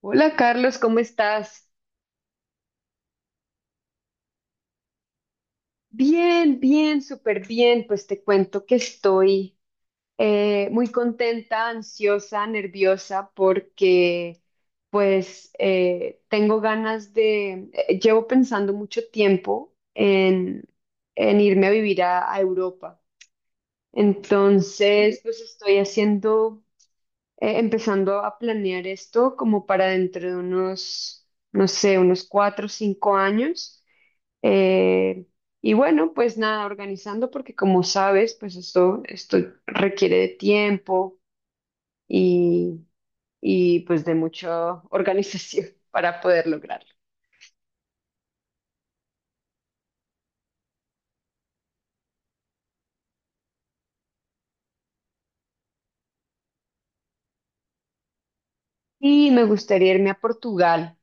Hola Carlos, ¿cómo estás? Bien, bien, súper bien. Pues te cuento que estoy muy contenta, ansiosa, nerviosa porque pues tengo ganas de, llevo pensando mucho tiempo en irme a vivir a Europa. Entonces, pues estoy empezando a planear esto como para dentro de unos, no sé, unos 4 o 5 años. Eh, y bueno, pues nada, organizando porque como sabes, pues esto requiere de tiempo y, y pues de mucha organización para poder lograrlo. Y me gustaría irme a Portugal.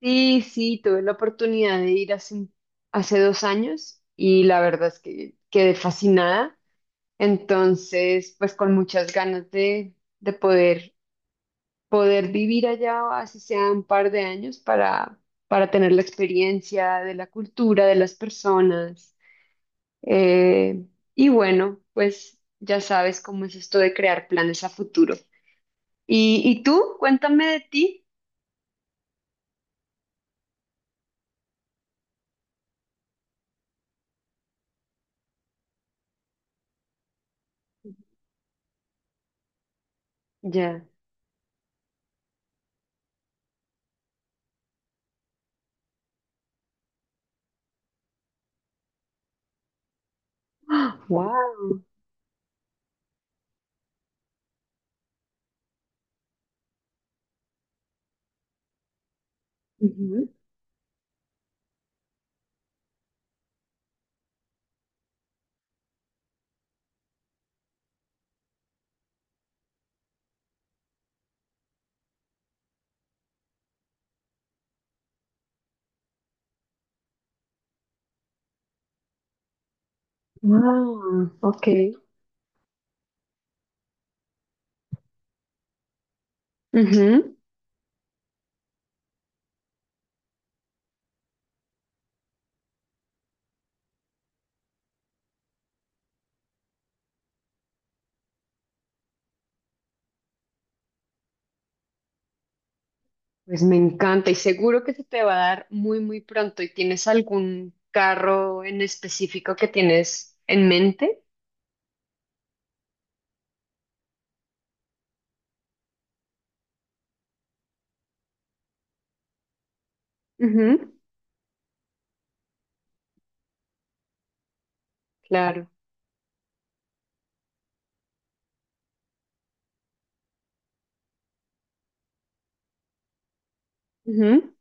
Sí, sí, tuve la oportunidad de ir hace 2 años y la verdad es que quedé fascinada. Entonces, pues con muchas ganas de poder vivir allá, así sea un par de años, para tener la experiencia de la cultura, de las personas. Eh, y bueno, pues ya sabes cómo es esto de crear planes a futuro. ¿Y tú? Cuéntame de ti. Ya. Wow. Wow. Ok. Ujú. Pues me encanta y seguro que se te va a dar muy, muy pronto. ¿Y tienes algún carro en específico que tienes en mente? Ujú. Claro. Ujú.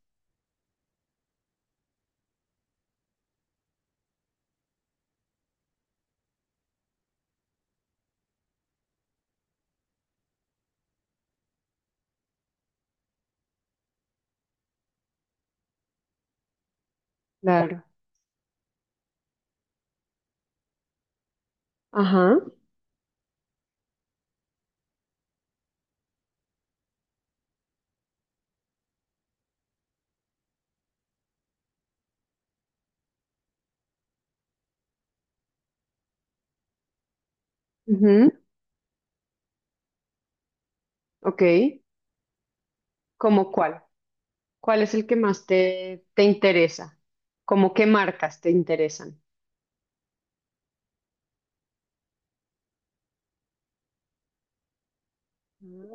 Claro. Ajá. Ujú. Ok. ¿Cómo cuál? ¿Cuál es el que más te interesa? ¿Cómo qué marcas te interesan?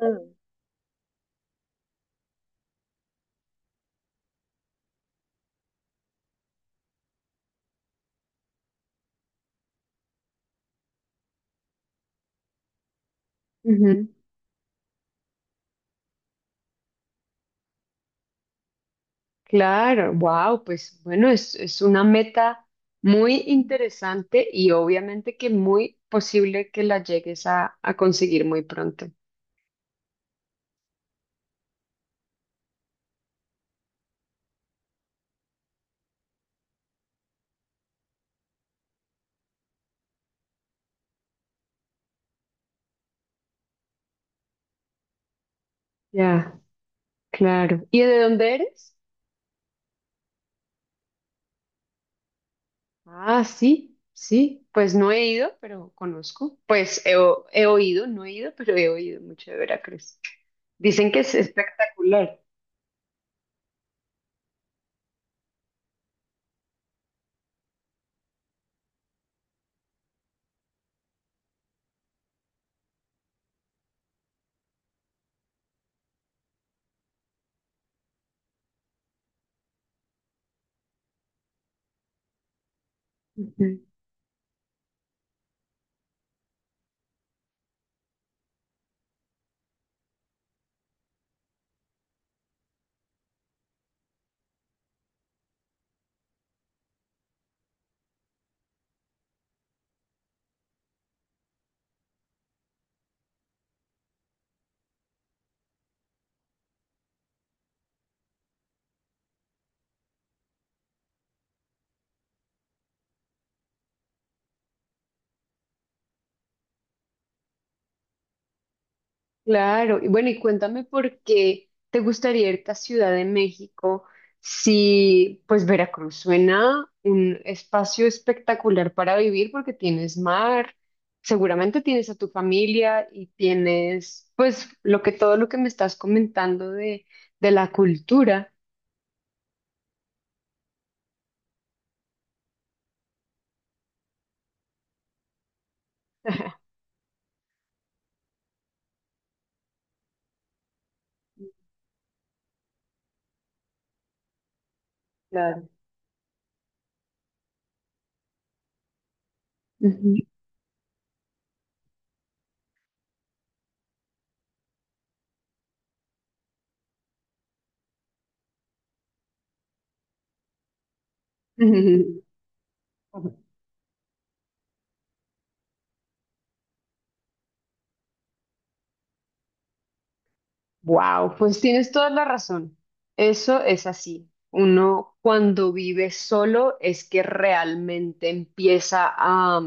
Ah. Ujú. Claro, wow, pues bueno, es una meta muy interesante y obviamente que muy posible que la llegues a conseguir muy pronto. Ya, claro. ¿Y de dónde eres? Ah, sí, sí, pues no he ido, pero conozco. Pues he oído, no he ido, pero he oído mucho de Veracruz. Dicen que es espectacular. Ujú. Claro, y bueno, y cuéntame por qué te gustaría irte a Ciudad de México si pues Veracruz suena un espacio espectacular para vivir porque tienes mar, seguramente tienes a tu familia y tienes pues lo que todo lo que me estás comentando de la cultura. Claro. Wow, pues tienes toda la razón. Eso es así. Uno cuando vive solo es que realmente empieza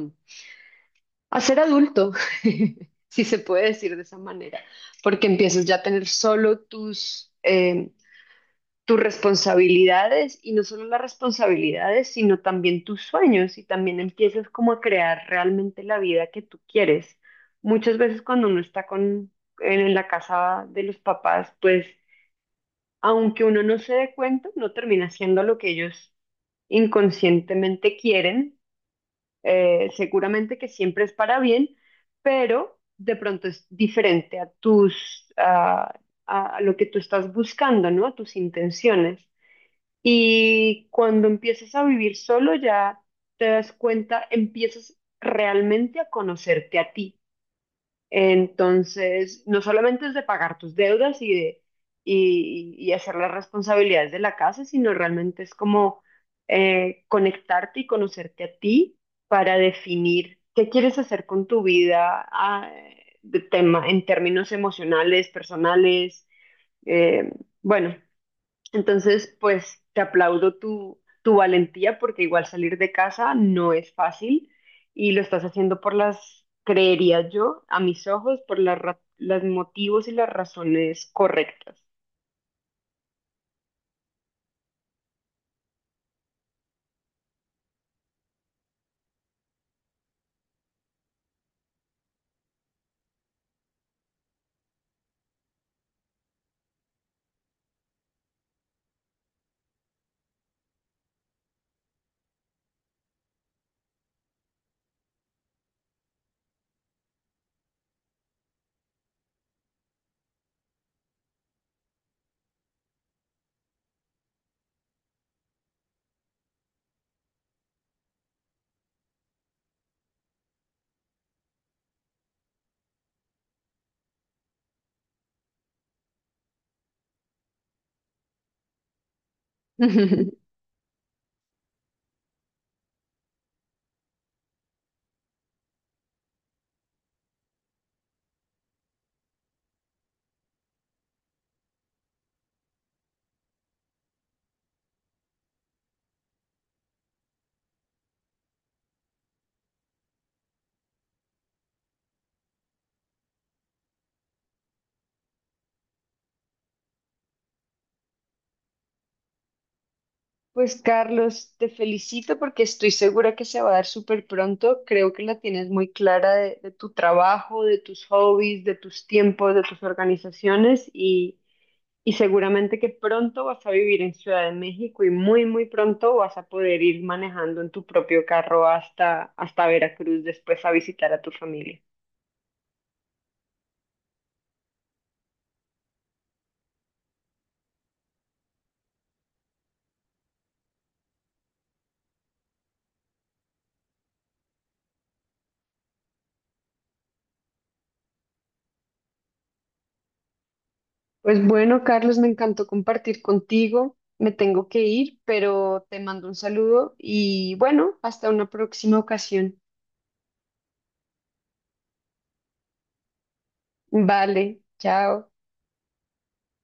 a ser adulto, si se puede decir de esa manera, porque empiezas ya a tener solo tus, tus responsabilidades y no solo las responsabilidades, sino también tus sueños y también empiezas como a crear realmente la vida que tú quieres. Muchas veces cuando uno está en la casa de los papás, pues aunque uno no se dé cuenta, no termina haciendo lo que ellos inconscientemente quieren, seguramente que siempre es para bien, pero de pronto es diferente a tus, a lo que tú estás buscando, ¿no? A tus intenciones. Y cuando empiezas a vivir solo, ya te das cuenta, empiezas realmente a conocerte a ti. Entonces, no solamente es de pagar tus deudas y de y hacer las responsabilidades de la casa, sino realmente es como conectarte y conocerte a ti para definir qué quieres hacer con tu vida de tema, en términos emocionales, personales. eh, bueno, entonces, pues te aplaudo tu valentía porque igual salir de casa no es fácil y lo estás haciendo por creería yo, a mis ojos, por los motivos y las razones correctas. Pues Carlos, te felicito porque estoy segura que se va a dar súper pronto. Creo que la tienes muy clara de tu trabajo, de tus hobbies, de tus tiempos, de tus organizaciones. Y seguramente que pronto vas a vivir en Ciudad de México y muy, muy pronto vas a poder ir manejando en tu propio carro hasta Veracruz después a visitar a tu familia. Pues bueno, Carlos, me encantó compartir contigo. Me tengo que ir, pero te mando un saludo y bueno, hasta una próxima ocasión. Vale, chao.